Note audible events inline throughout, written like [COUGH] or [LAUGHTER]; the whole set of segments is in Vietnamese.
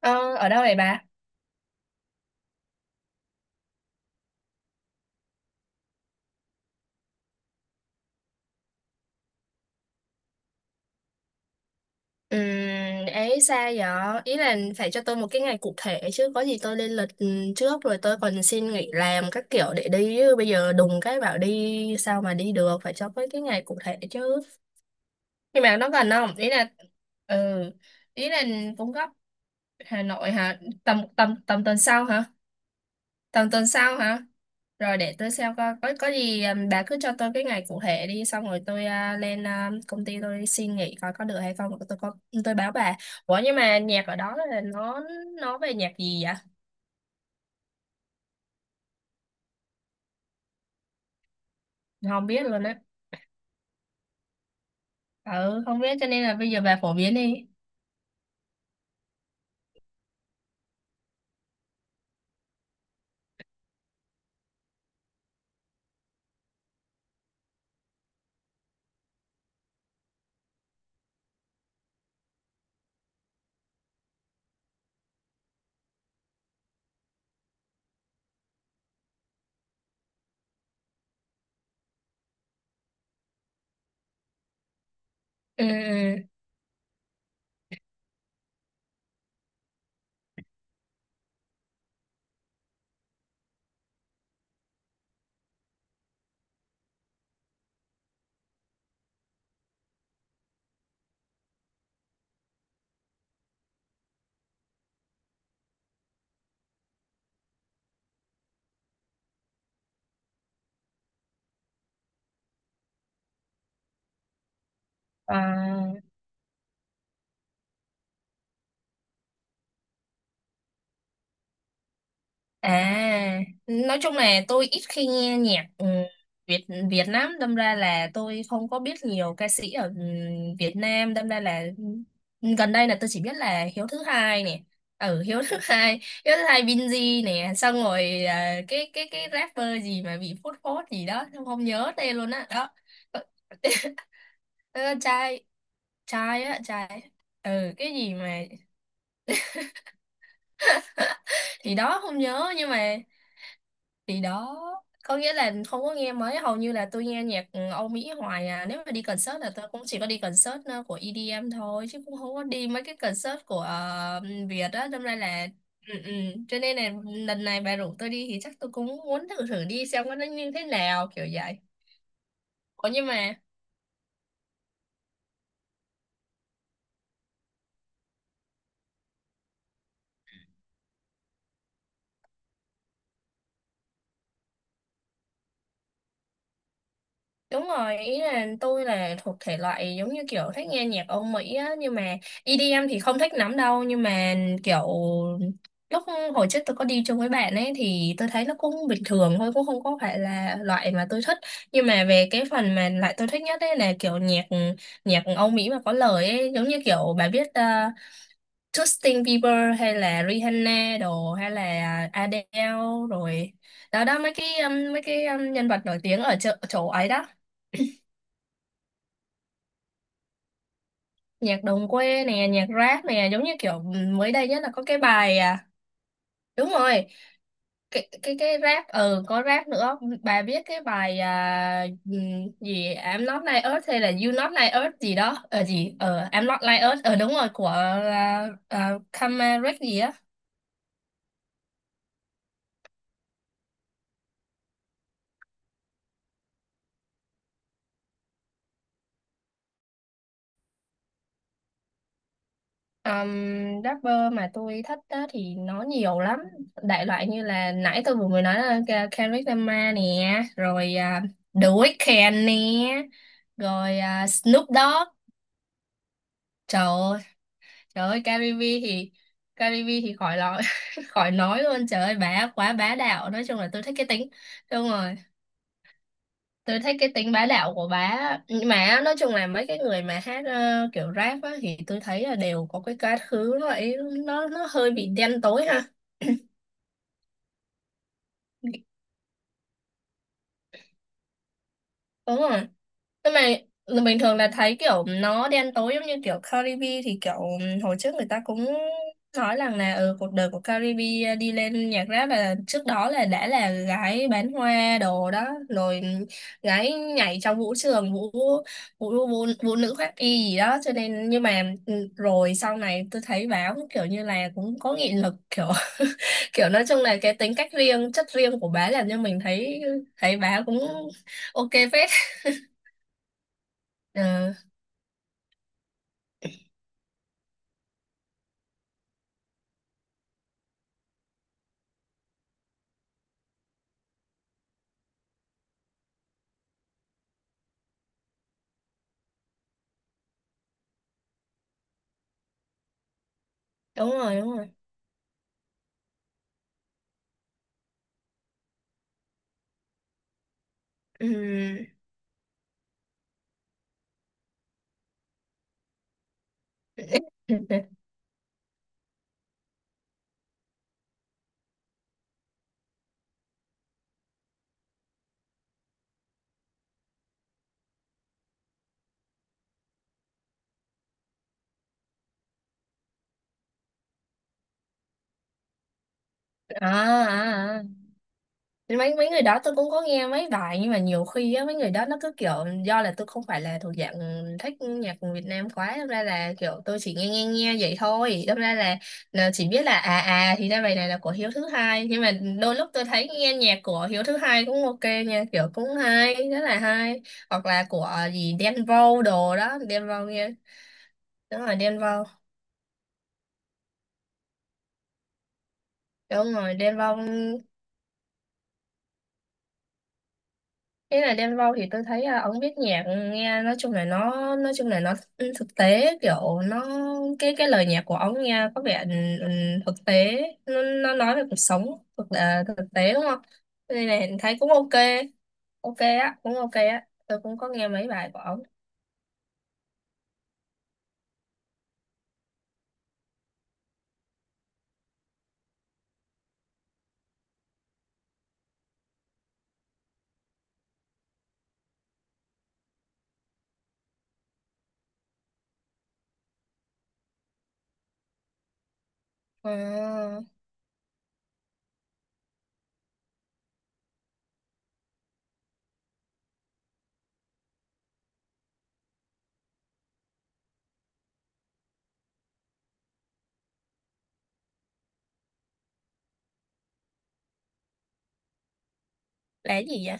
Ờ, ở đâu vậy bà? Ừ, ấy xa vậy? Ý là phải cho tôi một cái ngày cụ thể chứ, có gì tôi lên lịch trước rồi tôi còn xin nghỉ làm các kiểu để đi chứ. Bây giờ đùng cái bảo đi sao mà đi được, phải cho cái ngày cụ thể chứ. Nhưng mà nó gần không? Ý là ừ, ý là cũng gấp. Hà Nội hả? Tầm tầm tầm tuần sau hả? Tầm tuần sau hả? Rồi để tôi xem coi có gì bà cứ cho tôi cái ngày cụ thể đi, xong rồi tôi lên công ty tôi xin nghỉ coi có được hay không, rồi tôi có tôi báo bà. Ủa nhưng mà nhạc ở đó là nó về nhạc gì vậy? Không biết luôn á. Ừ, không biết cho nên là bây giờ bà phổ biến đi. Ừ, ừ. À. À, nói chung là tôi ít khi nghe nhạc Việt Việt lắm, đâm ra là tôi không có biết nhiều ca sĩ ở Việt Nam, đâm ra là ừ, gần đây là tôi chỉ biết là Hiếu thứ hai nè, ừ Hiếu thứ [LAUGHS] hai, Hiếu thứ hai Binz nè, xong rồi cái rapper gì mà bị phốt phốt gì đó, không, không nhớ tên luôn á, đó. Ờ, trai. Trai á, trai. Ừ cái gì mà [LAUGHS] thì đó không nhớ, nhưng mà thì đó có nghĩa là không có nghe mấy, hầu như là tôi nghe nhạc Âu Mỹ hoài. À nếu mà đi concert là tôi cũng chỉ có đi concert của EDM thôi, chứ cũng không có đi mấy cái concert của Việt á, đâm ra là ừ, ừ. Cho nên là lần này bà rủ tôi đi thì chắc tôi cũng muốn thử thử đi xem nó như thế nào kiểu vậy. Ủa nhưng mà đúng rồi, ý là tôi là thuộc thể loại giống như kiểu thích nghe nhạc Âu Mỹ á, nhưng mà EDM thì không thích lắm đâu, nhưng mà kiểu lúc hồi trước tôi có đi chung với bạn ấy thì tôi thấy nó cũng bình thường thôi, cũng không có phải là loại mà tôi thích. Nhưng mà về cái phần mà lại tôi thích nhất ấy là kiểu nhạc nhạc Âu Mỹ mà có lời ấy, giống như kiểu bà biết Justin Bieber hay là Rihanna đồ hay là Adele rồi. Đó đó mấy cái nhân vật nổi tiếng ở chỗ ấy đó. Nhạc đồng quê nè, nhạc rap nè, giống như kiểu ừ, mới đây nhất là có cái bài à đúng rồi cái rap, ừ có rap nữa, bà biết cái bài gì I'm not like Earth hay là You not like Earth gì đó ờ gì ờ I'm not like Earth ờ đúng rồi của Kamaric gì á. um, Rapper mà tôi thích á, thì nó nhiều lắm, đại loại như là nãy tôi vừa mới nói là Kendrick Lamar nè, rồi The Weeknd nè, rồi Snoop Dogg. Trời ơi, trời ơi Caribe thì, Caribe thì khỏi nói [LAUGHS] khỏi nói luôn, trời ơi bà quá bá đạo, nói chung là tôi thích cái tính, đúng rồi tôi thích cái tính bá đạo của bà á. Nhưng mà nói chung là mấy cái người mà hát kiểu rap á, thì tôi thấy là đều có cái quá khứ nó ấy, nó hơi bị đen tối ha, đúng rồi. Nhưng mà ừ, bình thường là thấy kiểu nó đen tối giống như kiểu Caribe thì kiểu hồi trước người ta cũng nói rằng là ừ, cuộc đời của Caribe đi lên nhạc rap là trước đó là đã là gái bán hoa đồ đó rồi, gái nhảy trong vũ trường vũ nữ khoác y gì đó, cho nên nhưng mà ừ, rồi sau này tôi thấy báo kiểu như là cũng có nghị lực kiểu [LAUGHS] kiểu nói chung là cái tính cách riêng chất riêng của bá làm cho mình thấy, thấy bá cũng ok phết. Ừ, đúng rồi đúng rồi. Ừm. [LAUGHS] À, à, à. Mấy mấy người đó tôi cũng có nghe mấy bài, nhưng mà nhiều khi á mấy người đó nó cứ kiểu do là tôi không phải là thuộc dạng thích nhạc của Việt Nam quá, đâm ra là kiểu tôi chỉ nghe nghe nghe vậy thôi, đâm ra là chỉ biết là à à thì ra bài này là của Hiếu thứ hai, nhưng mà đôi lúc tôi thấy nghe nhạc của Hiếu thứ hai cũng ok nha, kiểu cũng hay, rất là hay, hoặc là của gì Đen Vâu đồ đó, Đen Vâu nghe đúng rồi Đen Vâu, đúng rồi Đen Vâu. Ý là Đen Vâu thì tôi thấy là ông viết nhạc nghe nói chung là nó, nói chung là nó thực tế, kiểu nó cái lời nhạc của ông nghe có vẻ ừ, ừ, thực tế, nó nói về cuộc sống thực, là thực tế đúng không? Cho nên này thấy cũng ok, ok á, cũng ok á, tôi cũng có nghe mấy bài của ông. Ờ, là cái gì vậy?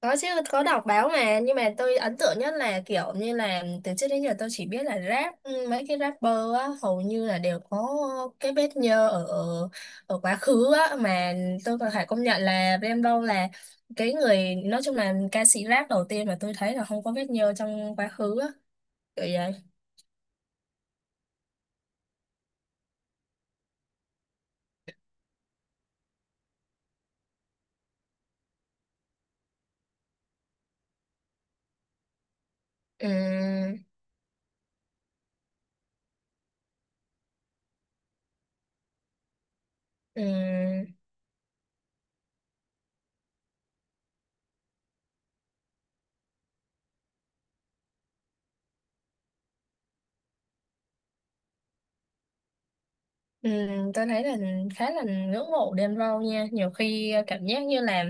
Có chứ, có đọc báo mà, nhưng mà tôi ấn tượng nhất là kiểu như là từ trước đến giờ tôi chỉ biết là rap, ừ, mấy cái rapper á, hầu như là đều có cái vết nhơ ở ở ở quá khứ á, mà tôi còn phải công nhận là Rainbow là cái người, nói chung là ca sĩ rap đầu tiên mà tôi thấy là không có vết nhơ trong quá khứ á, kiểu vậy. Ừ, ừ. Ừ, tôi thấy là khá là ngưỡng mộ Đen Vâu nha, nhiều khi cảm giác như là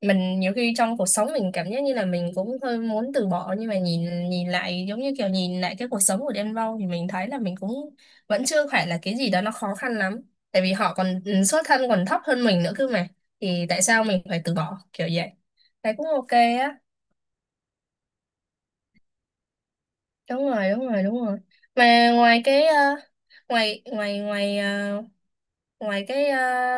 mình nhiều khi trong cuộc sống mình cảm giác như là mình cũng hơi muốn từ bỏ, nhưng mà nhìn nhìn lại giống như kiểu nhìn lại cái cuộc sống của Đen Vâu thì mình thấy là mình cũng vẫn chưa phải là cái gì đó nó khó khăn lắm, tại vì họ còn ừ, xuất thân còn thấp hơn mình nữa cơ mà, thì tại sao mình phải từ bỏ kiểu vậy. Thấy cũng ok á, đúng rồi đúng rồi đúng rồi. Mà ngoài cái ờ, ngoài ngoài ngoài ờ, ngoài cái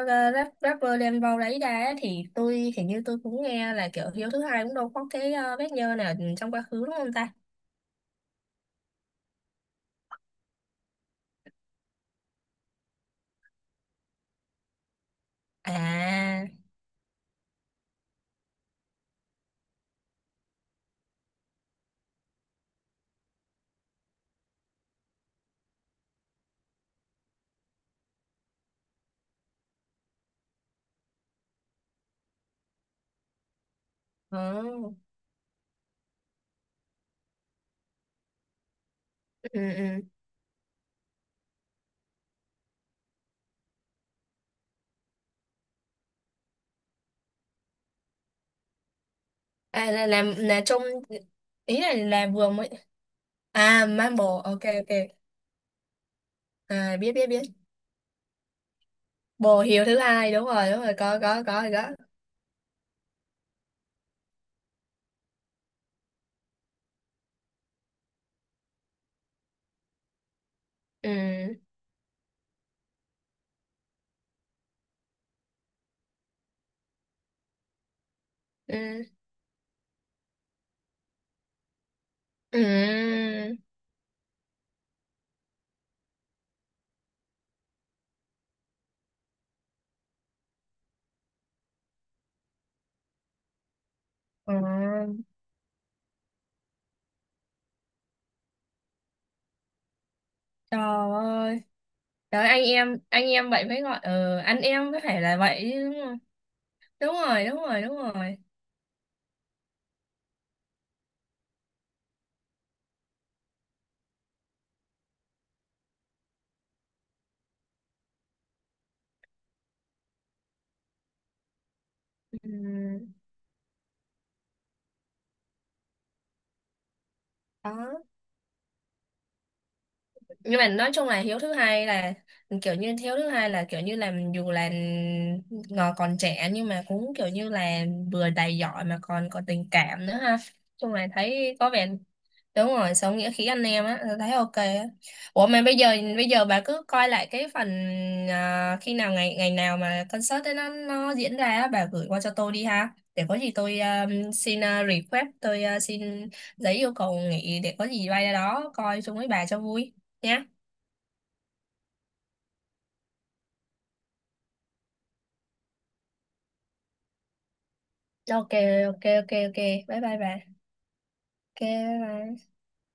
rap, rapper đem Vâu đấy ra á, thì tôi hình như tôi cũng nghe là kiểu Hiếu thứ hai cũng đâu có cái bác nhơ nào trong quá khứ đúng không ta. À, ừ. Ừ, ừ. À là làm là trong, ý là vừa mới à Mambo, ok ok, à biết biết biết bồ Hiếu thứ hai đúng rồi có rồi đó. Ừ, ừ, ừ, ừ. Trời ơi. Trời anh em, anh em vậy mới gọi ừ, anh em có thể là vậy chứ. Đúng rồi đúng rồi đúng rồi. Ừ. Đó nhưng mà nói chung là hiếu thứ hai là kiểu như hiếu thứ hai là kiểu như là dù là ngò còn trẻ nhưng mà cũng kiểu như là vừa đầy giỏi mà còn có tình cảm nữa ha, chung là thấy có vẻ đúng rồi sống nghĩa khí anh em á, tôi thấy ok á. Ủa mà bây giờ, bây giờ bà cứ coi lại cái phần khi nào ngày ngày nào mà concert ấy nó diễn ra á, bà gửi qua cho tôi đi ha, để có gì tôi xin request tôi xin giấy yêu cầu nghỉ, để có gì bay ra đó coi chung với bà cho vui nha. Ok, ok, ok, ok. Bye bye bà. Ok, bye bye.